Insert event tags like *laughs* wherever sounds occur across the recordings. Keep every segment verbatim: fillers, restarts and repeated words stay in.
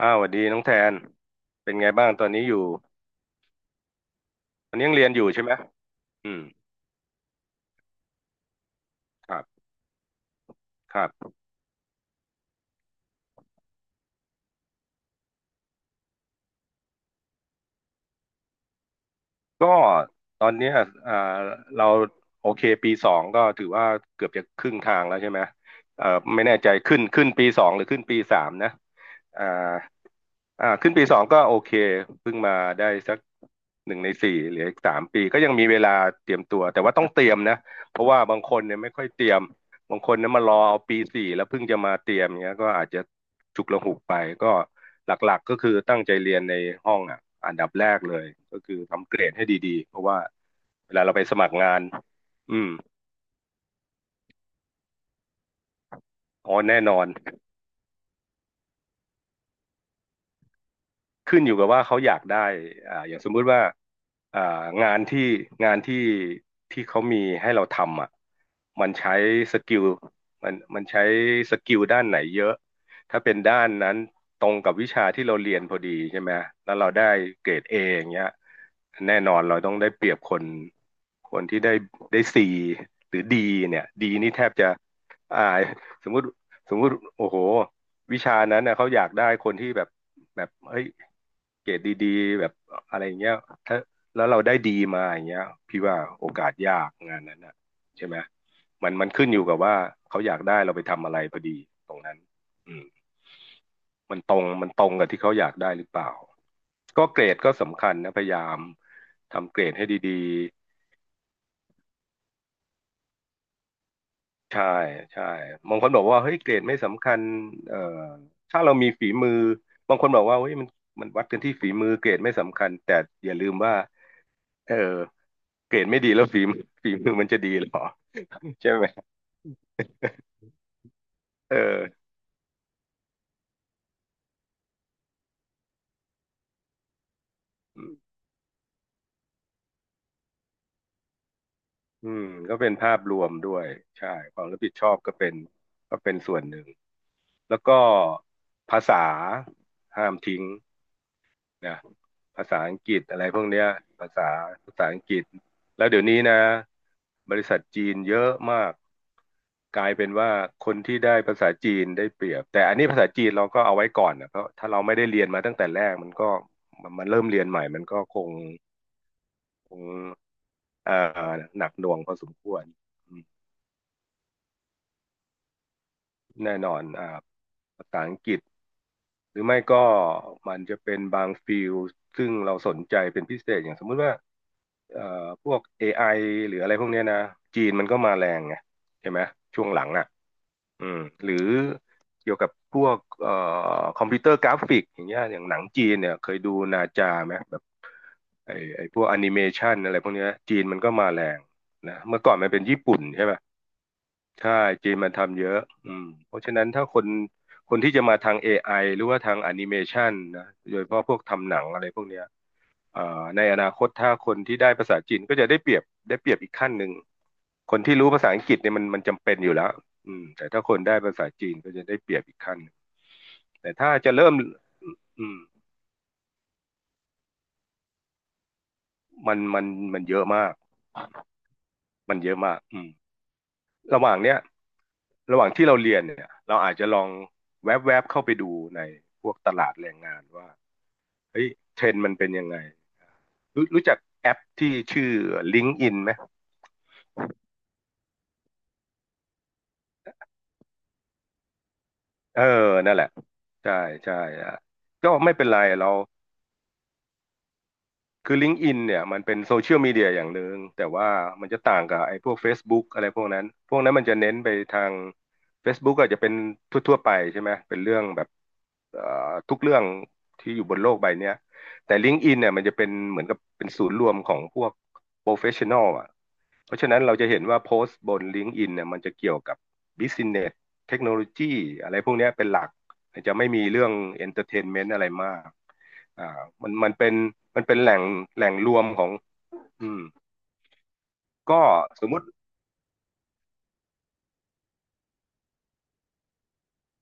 อ้าวสวัสดีน้องแทนเป็นไงบ้างตอนนี้อยู่ตอนนี้ยังเรียนอยู่ใช่ไหมอืมครับครับ ก็ตอนเนี้ยอ่าเราโอเคปีสองก็ถือว่าเกือบจะครึ่งทางแล้วใช่ไหมเอ่อไม่แน่ใจขึ้นขึ้นปีสองหรือขึ้นปีสามนะอ่าอ่าขึ้นปีสองก็โอเคเพิ่งมาได้สักหนึ่งในสี่เหลืออีกสามปีก็ยังมีเวลาเตรียมตัวแต่ว่าต้องเตรียมนะเพราะว่าบางคนเนี่ยไม่ค่อยเตรียมบางคนเนี่ยมารอเอาปีสี่แล้วเพิ่งจะมาเตรียมเงี้ยก็อาจจะฉุกละหุกไปก็ หลักๆ ก็คือตั้งใจเรียนในห้องอ่ะอันดับแรกเลยก็คือทำเกรดให้ดีๆ เพราะว่าเวลาเราไปสมัครงานอืมอ๋อแน่นอน ขึ้นอยู่กับว่าเขาอยากได้อ่าอย่างสมมุติว่าอ่างานที่งานที่ที่เขามีให้เราทำอ่ะมันใช้สกิลมันมันใช้สกิลด้านไหนเยอะ ถ้าเป็นด้านนั้นตรงกับวิชาที่เราเรียนพอดีใช่ไหม แล้วเราได้เกรดเออย่างเงี้ยแน่นอนเราต้องได้เปรียบคนคนที่ได้ได้ซีหรือดีเนี่ยดีนี่แทบจะอ่าสมมุติสมมุติโอ้โห วิชานั้นนะเขาอยากได้คนที่แบบแบบเฮ้ยเกรดดีๆแบบอะไรอย่างเงี้ยถ้าแล้วเราได้ดีมาอย่างเงี้ยพี่ว่าโอกาสยากงานนั้นอ่ะใช่ไหมมันมันขึ้นอยู่กับว่าเขาอยากได้เราไปทำอะไรพอดีตรงนั้นอืมมันตรงมันตรงกับที่เขาอยากได้หรือเปล่าก็เกรดก็สำคัญนะพยายามทำเกรดให้ดี ใช่ใช่บางคนบอกว่าเฮ้ยเกรดไม่สำคัญเอ่อถ้าเรามีฝีมือบางคนบอกว่าเฮ้ยมันมันวัดกันที่ฝีมือเกรดไม่สำคัญแต่อย่าลืมว่าเออเกรดไม่ดีแล้วฝีมือ *laughs* ฝีมือมันจะดีเหรอ *laughs* ใช่ไหมเอออืมก็เป็นภาพรวมด้วยใช่ความรับผิดชอบก็เป็นก็เป็นส่วนหนึ่งแล้วก็ภาษาห้ามทิ้ง นะภาษาอังกฤษอะไรพวกเนี้ยภาษาภาษาอังกฤษแล้วเดี๋ยวนี้นะบริษัทจีนเยอะมากกลายเป็นว่าคนที่ได้ภาษาจีนได้เปรียบแต่อันนี้ภาษาจีนเราก็เอาไว้ก่อนนะเพราะถ้าเราไม่ได้เรียนมาตั้งแต่แรกมันก็มันมันเริ่มเรียนใหม่มันก็คงคงเอ่อหนักหน่วงพอสมควรอืมแน่นอนอ่าภาษาอังกฤษหรือไม่ก็มันจะเป็นบางฟิลด์ซึ่งเราสนใจเป็นพิเศษอย่างสมมุติว่า เอ่อพวก เอ ไอ หรืออะไรพวกเนี้ยนะจีนมันก็มาแรงไงใช่ไหมช่วงหลังอ่ะอืมหรือเกี่ยวกับพวกเอ่อคอมพิวเตอร์กราฟิกอย่างเงี้ยอย่างหนังจีนเนี่ยเคยดูนาจาไหมแบบไอ้ไอ้พวกแอนิเมชันอะไรพวกเนี้ยจีนมันก็มาแรงนะเมื่อก่อนมันเป็นญี่ปุ่นใช่ไหมใช่จีนมันทำเยอะอืมเพราะฉะนั้นถ้าคนคนที่จะมาทางเอไ i หรือว่าทางแอนิเมชันนะโดยเฉพาะพวกทำหนังอะไรพวกเนี้ย เอ่อในอนาคตถ้าคนที่ได้ภาษาจีนก็จะได้เปรียบได้เปรียบอีกขั้นหนึ่งคนที่รู้ภาษาอังกฤษเนี่ยมันมันจำเป็นอยู่แล้วอืมแต่ถ้าคนได้ภาษาจีนก็จะได้เปรียบอีกขั้นหนึ่งแต่ถ้าจะเริ่มอืมมันมันมันเยอะมากมันเยอะมากอืมระหว่างเนี้ยระหว่างที่เราเรียนเนี่ยเราอาจจะลองแวบๆเข้าไปดูในพวกตลาดแรงงานว่าเฮ้ยเทรนด์มันเป็นยังไงรู้รู้จักแอปที่ชื่อ l i n k ์อ i n ไหม เออนั่นแหละใช่ใช่อ่ะก็ไม่เป็นไรเราคือ l i n k ์อ i n เนี่ยมันเป็นโซเชียลมีเดียอย่างหนึ่งแต่ว่ามันจะต่างกับไอ้พวก Facebook อะไรพวกนั้นพวกนั้นมันจะเน้นไปทาง Facebook อาจจะเป็นทั่วๆไปใช่ไหมเป็นเรื่องแบบเอ่อทุกเรื่องที่อยู่บนโลกใบเนี้ยแต่ l i n k ์อ i n เนี่ยมันจะเป็นเหมือนกับเป็นศูนย์รวมของพวก professional อลอ่ะเพราะฉะนั้นเราจะเห็นว่าโพสต์บน l i n k ์อ i n เนี่ยมันจะเกี่ยวกับ business เนสเทคโนโลยีอะไรพวกเนี้ยเป็นหลัก จะไม่มีเรื่องเอนเตอร์เทนเมนต์อะไรมากอ่ามันมันเป็นมันเป็นแหล่งแหล่งรวมของอืมก็สมมุติ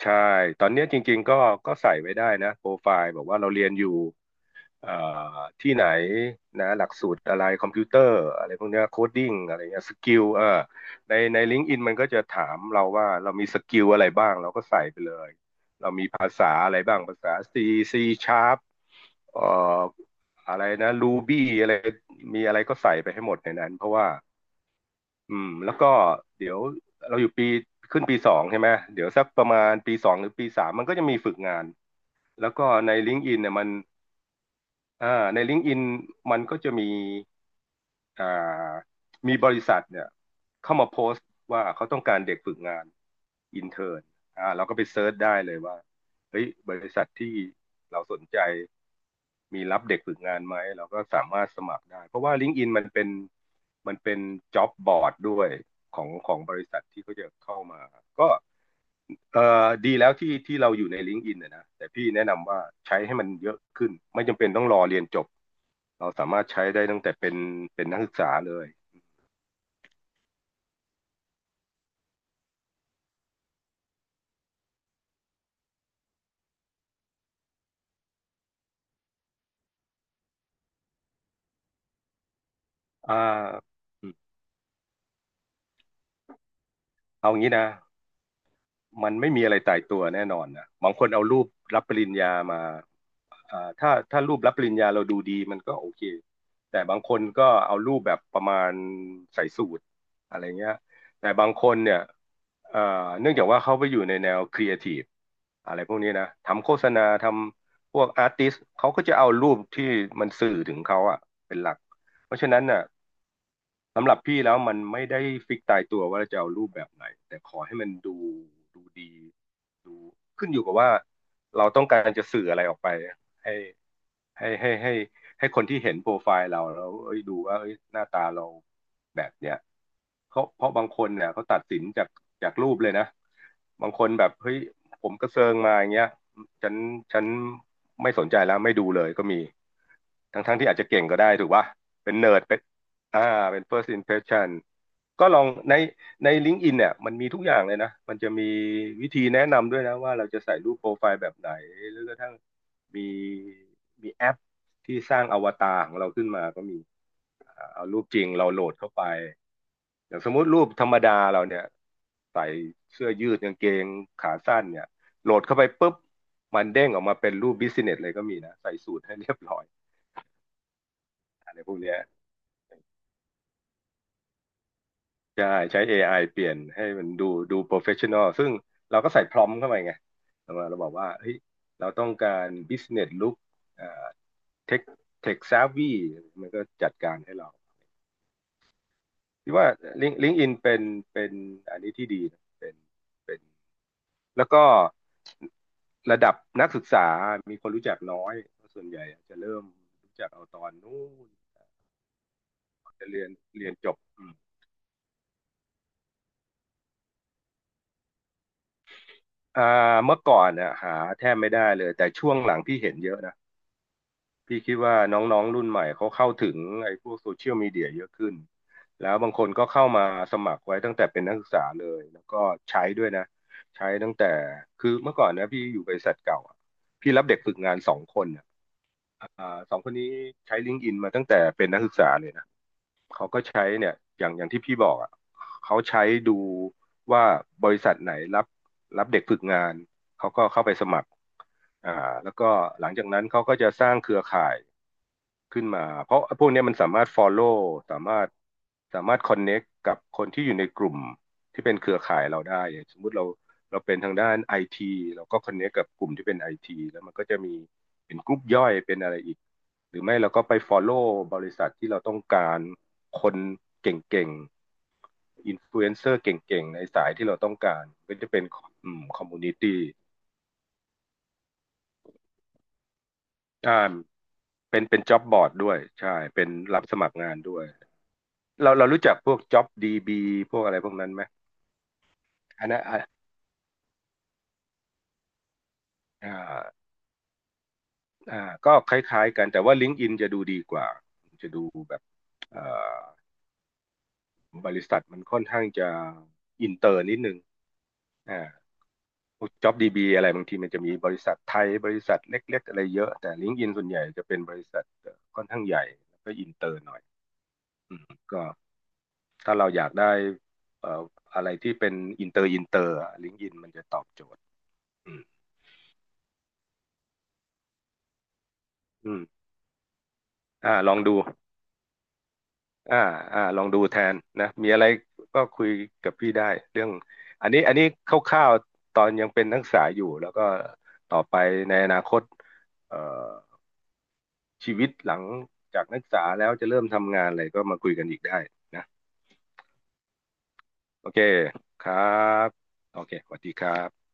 ใช่ตอนเนี้ยจริงๆก็ก็ใส่ไว้ได้นะโปรไฟล์บอกว่าเราเรียนอยู่เอ่อที่ไหนนะหลักสูตรอะไรคอมพิวเตอร์อะไรพวกเนี้ยโคดดิ้งอะไรเงี้ยสกิลเออในในลิงก์อินมันก็จะถามเราว่าเรามีสกิลอะไรบ้างเราก็ใส่ไปเลยเรามีภาษาอะไรบ้างภาษา C C Sharp เอ่ออะไรนะ Ruby อะไรมีอะไรก็ใส่ไปให้หมดในนั้นเพราะว่า อืมแล้วก็เดี๋ยวเราอยู่ปีขึ้นปีสองใช่ไหมเดี๋ยวสักประมาณปีสองหรือปีสามมันก็จะมีฝึกงานแล้วก็ในลิงก์อินเนี่ยมันอ่าในลิงก์อินมันก็จะมีอ่ามีบริษัทเนี่ยเข้ามาโพสต์ว่าเขาต้องการเด็กฝึกงานอินเทอร์นอ่าเราก็ไปเซิร์ชได้เลยว่าเฮ้ยบริษัทที่เราสนใจ มีรับเด็กฝึกงานไหมเราก็สามารถสมัครได้เพราะว่า LinkedIn มันเป็นมันเป็น job board ด้วยของของบริษัทที่เขาจะเข้ามาก็เอ่อดีแล้วที่ที่เราอยู่ใน LinkedIn นนะนะแต่พี่แนะนำว่าใช้ให้มันเยอะขึ้นไม่จำเป็นต้องรอเรียนจบเราสามารถใช้ได้ตั้งแต่เป็นเป็นนักศึกษาเลยอ่าอเอางี้นะ มันไม่มีอะไรตายตัวแน่นอนนะบางคนเอารูปรับปริญญามาอ่าถ้าถ้ารูปรับปริญญาเราดูดีมันก็โอเคแต่บางคนก็เอารูปแบบประมาณใส่สูทอะไรเงี้ยแต่บางคนเนี่ยเอ่อเนื่องจากว่าเขาไปอยู่ในแนวครีเอทีฟอะไรพวกนี้นะทำโฆษณาทำพวกอาร์ติสเขาก็จะเอารูปที่มันสื่อถึงเขาอะเป็นหลักเพราะฉะนั้นน่ะ สำหรับพี่แล้วมันไม่ได้ฟิกตายตัวว่าจะเอารูปแบบไหนแต่ขอให้มันดูดูดีดูขึ้นอยู่กับว่าเราต้องการจะสื่ออะไรออกไปให้ ให้ให้ให้ให้คนที่เห็นโปรไฟล์เราแล้วเอ้ยดูว่าเอ้ยหน้าตาเราแบบเนี้ยเขาเพราะบางคนเนี่ยเขาตัดสินจากจากรูปเลยนะบางคนแบบเฮ้ยผมกระเซิงมาอย่างเงี้ยฉันฉันไม่สนใจแล้วไม่ดูเลยก็มีทั้งทั้งที่อาจจะเก่งก็ได้ถูกป่ะเป็นเนิร์ดเป็นอ่าเป็น first impression ก็ลองในใน LinkedIn เนี่ยมันมีทุกอย่างเลยนะมันจะมีวิธีแนะนำด้วยนะว่าเราจะใส่รูปโปรไฟล์แบบไหนหรือกระทั่ง มีมีแอปที่สร้างอวตารของเราขึ้นมาก็มีเอารูปจริงเราโหลดเข้าไปอย่างสมมุติรูปธรรมดาเราเนี่ยใส่เสื้อยืดกางเกงขาสั้นเนี่ยโหลดเข้าไปปุ๊บมันเด้งออกมาเป็นรูปบิสเนสเลยก็มีนะใส่สูทให้เรียบร้อยอะไรพวกเนี้ยใช่ใช้ เอ ไอ เปลี่ยนให้มันดูดูโปรเฟชชั่นอลซึ่งเราก็ใส่พรอมเข้าไปไงเรามาเราบอกว่าเฮ้ยเราต้องการบิสเนสลุคเอ่อเทคเทคซาวีมันก็จัดการให้เรา ที่ว่า Link ลิงลิงอินเป็นเป็นอันนี้ที่ดีเป็นเป็นแล้วก็ระดับนักศึกษา มีคนรู้จักน้อยส่วนใหญ่จะเริ่มรู้จักเอาตอนนู้นจะเรียนเรียนจบอืมอ่าเมื่อก่อนเนี่ยหาแทบไม่ได้เลยแต่ช่วงหลังพี่เห็นเยอะนะ พี่คิดว่าน้องๆรุ่นใหม่เขาเข้าถึงไอ้พวกโซเชียลมีเดียเยอะขึ้นแล้วบางคนก็เข้ามาสมัครไว้ตั้งแต่เป็นนักศึกษาเลยแล้วก็ใช้ด้วยนะ ใช้ตั้งแต่คือเมื่อก่อนนะพี่อยู่บริษัทเก่าอะพี่รับเด็กฝึกงานสองคนอะอ่าสองคนนี้ใช้ลิงก์อินมาตั้งแต่เป็นนักศึกษาเลยนะเขาก็ใช้เนี่ยอย่างอย่างที่พี่บอกอะเขาใช้ดูว่าบริษัทไหนรับรับเด็กฝึกงาน เขาก็เข้าไปสมัครอ่าแล้วก็หลังจากนั้นเขาก็จะสร้างเครือข่าย ขึ้นมาเพราะพวกเนี้ยมันสามารถ follow สามารถสามารถ connect กับคนที่อยู่ในกลุ่มที่เป็นเครือข่ายเราได้อย่างสมมุติเราเราเป็นทางด้านไอทีเราก็ connect กับกลุ่มที่เป็นไอทีแล้วมันก็จะมีเป็นกลุ่มย่อยเป็นอะไรอีกหรือไม่เราก็ไป follow บริษัทที่เราต้องการคนเก่งๆอินฟลูเอนเซอร์เก่งๆในสายที่เราต้องการก็จะเป็นอืมคอมมูนิตี้อ่าเป็นเป็นจ็อบบอร์ดด้วยใช่เป็นรับสมัครงานด้วย เราเรารู้จักพวก JobDB พวกอะไรพวกนั้นไหมอันนั้นอ่าอ่าอ่าก็คล้ายๆกัน แต่ว่า LinkedIn จะดูดีกว่า จะดูแบบเอ่อบริษัทมันค่อนข้างจะอินเตอร์นิดนึงอ่าพวก JobDB อะไรบางทีมันจะมีบริษัทไทยบริษัทเล็กๆอะไรเยอะ แต่ LinkedIn ส่วนใหญ่จะเป็นบริษัทอค่อนข้างใหญ่แล้วก็อินเตอร์หน่อยอืมก็ถ้าเราอยากได้เอ่ออะไรที่เป็นอินเตอร์อินเตอร์ลิงก์อินมันจะตอบโจทย์อืมอืมอ่าลองดู อ่าอ่าลองดูแทนนะมีอะไรก็คุยกับพี่ได้เรื่องอันนี้อันนี้คร่าวๆตอนยังเป็นนักศึกษาอยู่แล้วก็ต่อไปในอนาคตเอ่อชีวิตหลังจากนักศึกษาแล้วจะเริ่มทำงานอะไรก็มาคุยกันอีกได้นะโอเคครับโอเคสวัสดีครับ